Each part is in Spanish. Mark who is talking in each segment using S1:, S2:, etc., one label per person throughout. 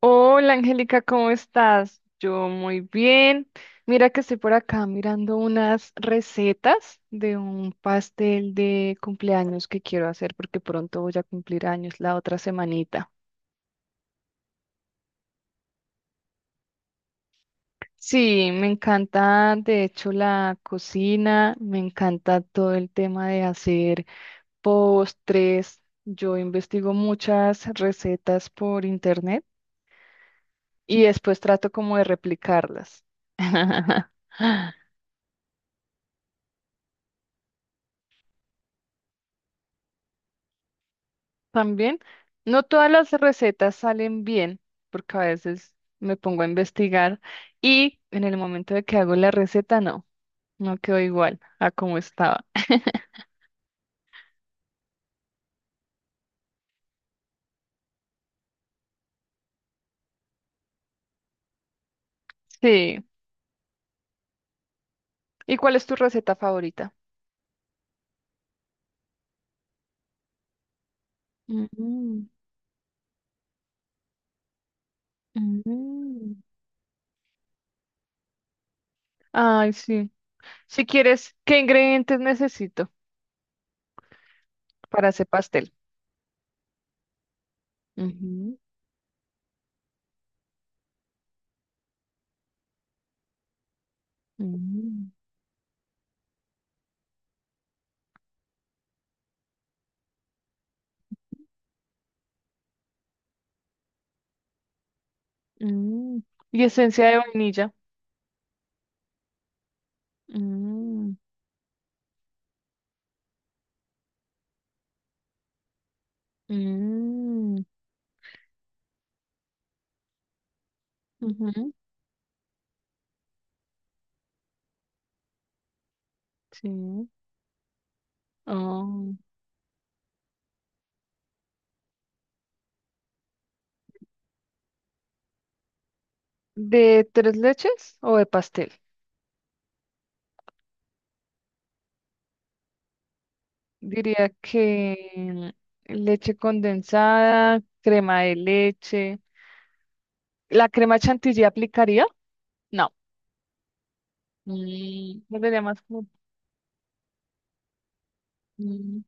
S1: Hola Angélica, ¿cómo estás? Yo muy bien. Mira que estoy por acá mirando unas recetas de un pastel de cumpleaños que quiero hacer porque pronto voy a cumplir años la otra semanita. Sí, me encanta de hecho la cocina, me encanta todo el tema de hacer postres. Yo investigo muchas recetas por internet y después trato como de replicarlas. También, no todas las recetas salen bien, porque a veces me pongo a investigar y en el momento de que hago la receta, no, no quedó igual a como estaba. Sí. ¿Y cuál es tu receta favorita? Mm, mm. Ay, sí. Si quieres, ¿qué ingredientes necesito para hacer pastel? Ujú, mm, mm. Y esencia de vainilla. Mm, mm, ujú, Sí. Oh, ¿De tres leches o de pastel? Diría que leche condensada, crema de leche. ¿La crema chantilly aplicaría? No, mm, no sería más como... mm,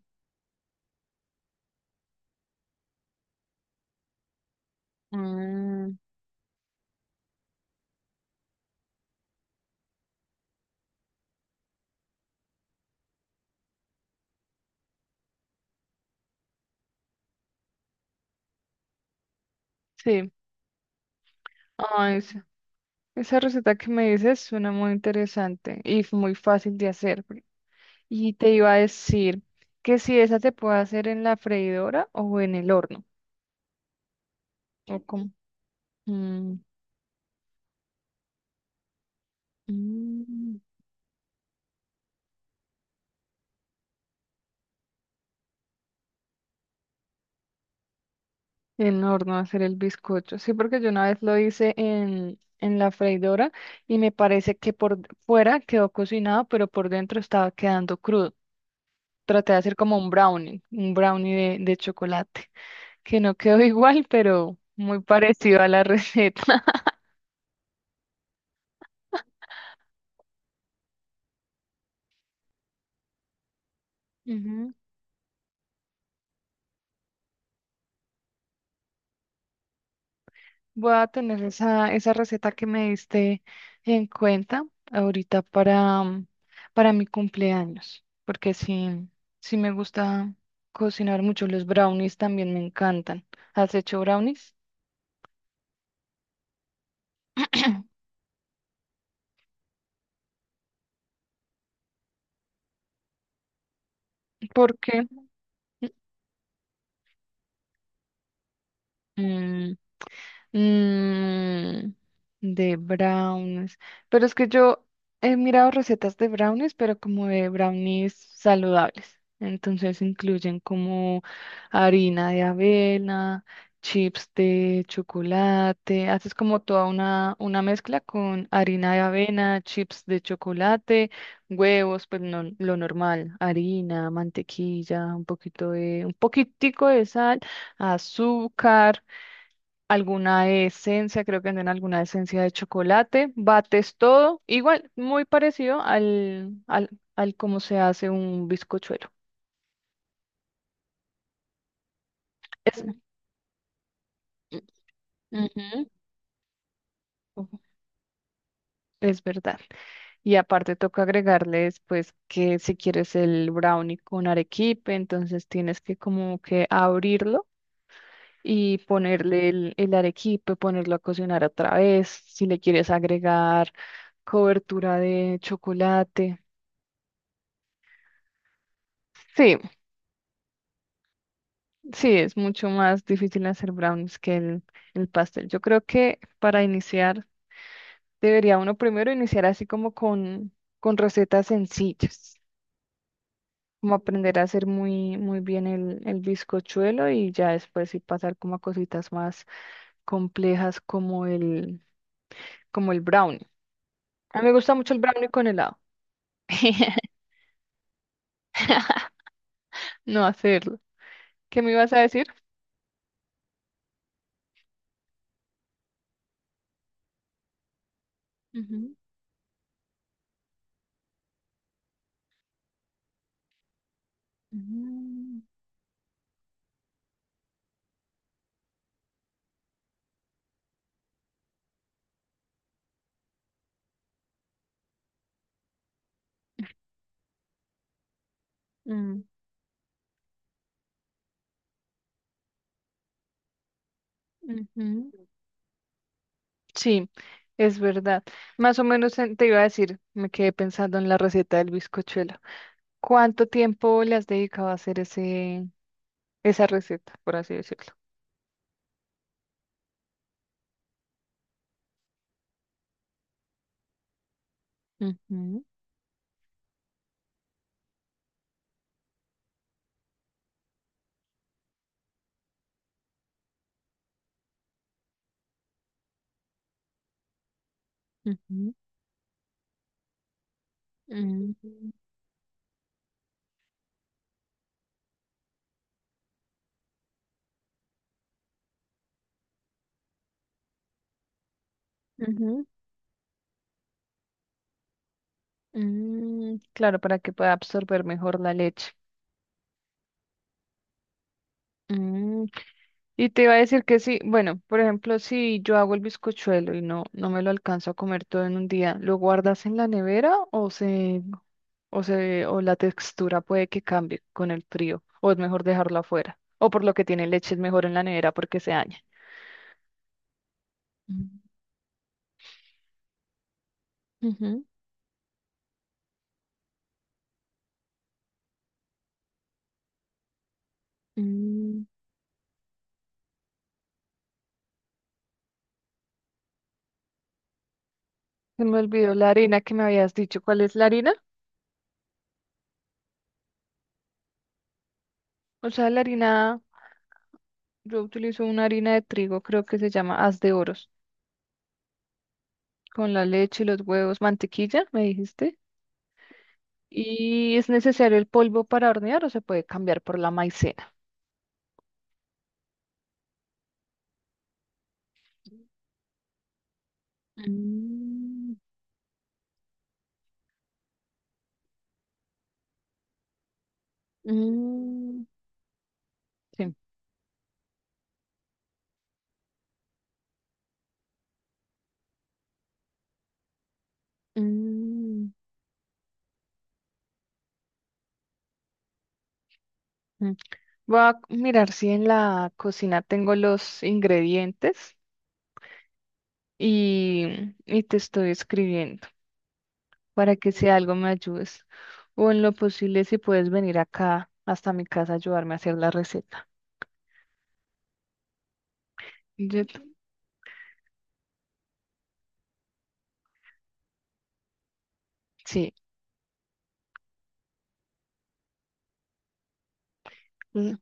S1: ah, Sí, Ay, sí. Esa receta que me dices suena muy interesante y muy fácil de hacer, porque… Y te iba a decir que si esa se puede hacer en la freidora o en el horno. ¿O cómo? mm, mm. En horno hacer el bizcocho. Sí, porque yo una vez lo hice en la freidora y me parece que por fuera quedó cocinado, pero por dentro estaba quedando crudo. Traté de hacer como un brownie de chocolate, que no quedó igual, pero muy parecido a la receta. Ujú. Voy a tener esa receta que me diste en cuenta ahorita para, mm, para mi cumpleaños, porque sí, sí me gusta cocinar mucho. Los brownies también me encantan. ¿Has hecho brownies? ¿Por qué? Mm, de brownies. Pero es que yo he mirado recetas de brownies, pero como de brownies saludables. Entonces incluyen como harina de avena, chips de chocolate. Haces como toda una mezcla con harina de avena, chips de chocolate, huevos, pues no, lo normal, harina, mantequilla, un poquito de, un poquitico de sal, azúcar, alguna esencia, creo que venden alguna esencia de chocolate, bates todo, igual, muy parecido al cómo se hace un bizcochuelo. Es… Ujú. Ujú, es verdad. Y aparte toca agregarles, pues, que si quieres el brownie con arequipe, entonces tienes que como que abrirlo. Y ponerle el arequipe, ponerlo a cocinar otra vez, si le quieres agregar cobertura de chocolate. Sí. Sí, es mucho más difícil hacer brownies que el pastel. Yo creo que para iniciar, debería uno primero iniciar así como con recetas sencillas, como aprender a hacer muy, muy bien el bizcochuelo y ya después sí pasar como a cositas más complejas como el brownie. A mí me gusta mucho el brownie con helado. No hacerlo. ¿Qué me ibas a decir? Ujú, ujú, mm, ujú. Sí, es verdad. Más o menos te iba a decir, me quedé pensando en la receta del bizcochuelo. ¿Cuánto tiempo le has dedicado a hacer esa receta, por así decirlo? Ujú, ujú, mm, ujú, mm, claro, para que pueda absorber mejor la leche. Mm, y te iba a decir que sí, bueno, por ejemplo, si yo hago el bizcochuelo y no, no me lo alcanzo a comer todo en un día, ¿lo guardas en la nevera o se o la textura puede que cambie con el frío, o es mejor dejarlo afuera, o por lo que tiene leche es mejor en la nevera porque se daña? Mm. Ujú. Mm. Se me olvidó la harina que me habías dicho. ¿Cuál es la harina? O sea, la harina, yo utilizo una harina de trigo, creo que se llama Haz de Oros, con la leche, los huevos, mantequilla, me dijiste. ¿Y es necesario el polvo para hornear o se puede cambiar por la maicena? Mm. Mm. Sí. Mm. Mm. Voy a mirar si en la cocina tengo los ingredientes y, y te estoy escribiendo para que si algo me ayudes o en lo posible si puedes venir acá hasta mi casa a ayudarme a hacer la receta. Yo- sí, mm,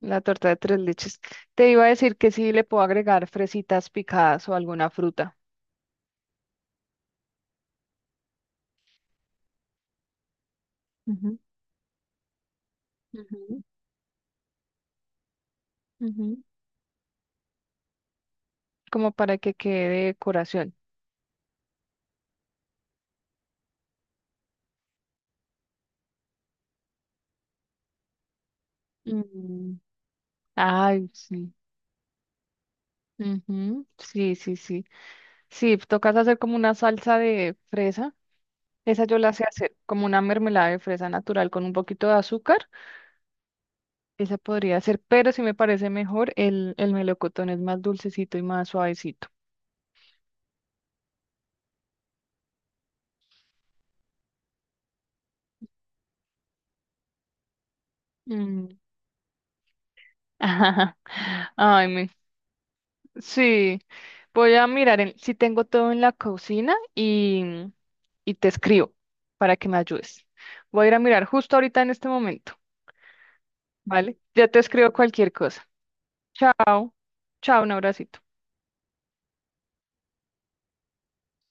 S1: la torta de tres leches. Te iba a decir que sí le puedo agregar fresitas picadas o alguna fruta. Ujú, ujú, ujú, como para que quede decoración. Mm, ay, sí. Ujú, sí, sí, sí. Sí, tocas hacer como una salsa de fresa. Esa yo la sé hacer, como una mermelada de fresa natural con un poquito de azúcar. Esa podría ser, pero sí me parece mejor el melocotón, es más dulcecito y más suavecito. Mm. Ajá. Ay, me- sí. Voy a mirar si tengo todo en la cocina y te escribo para que me ayudes. Voy a ir a mirar justo ahorita en este momento, ¿vale? Ya te escribo cualquier cosa. Chao, chao, un abracito.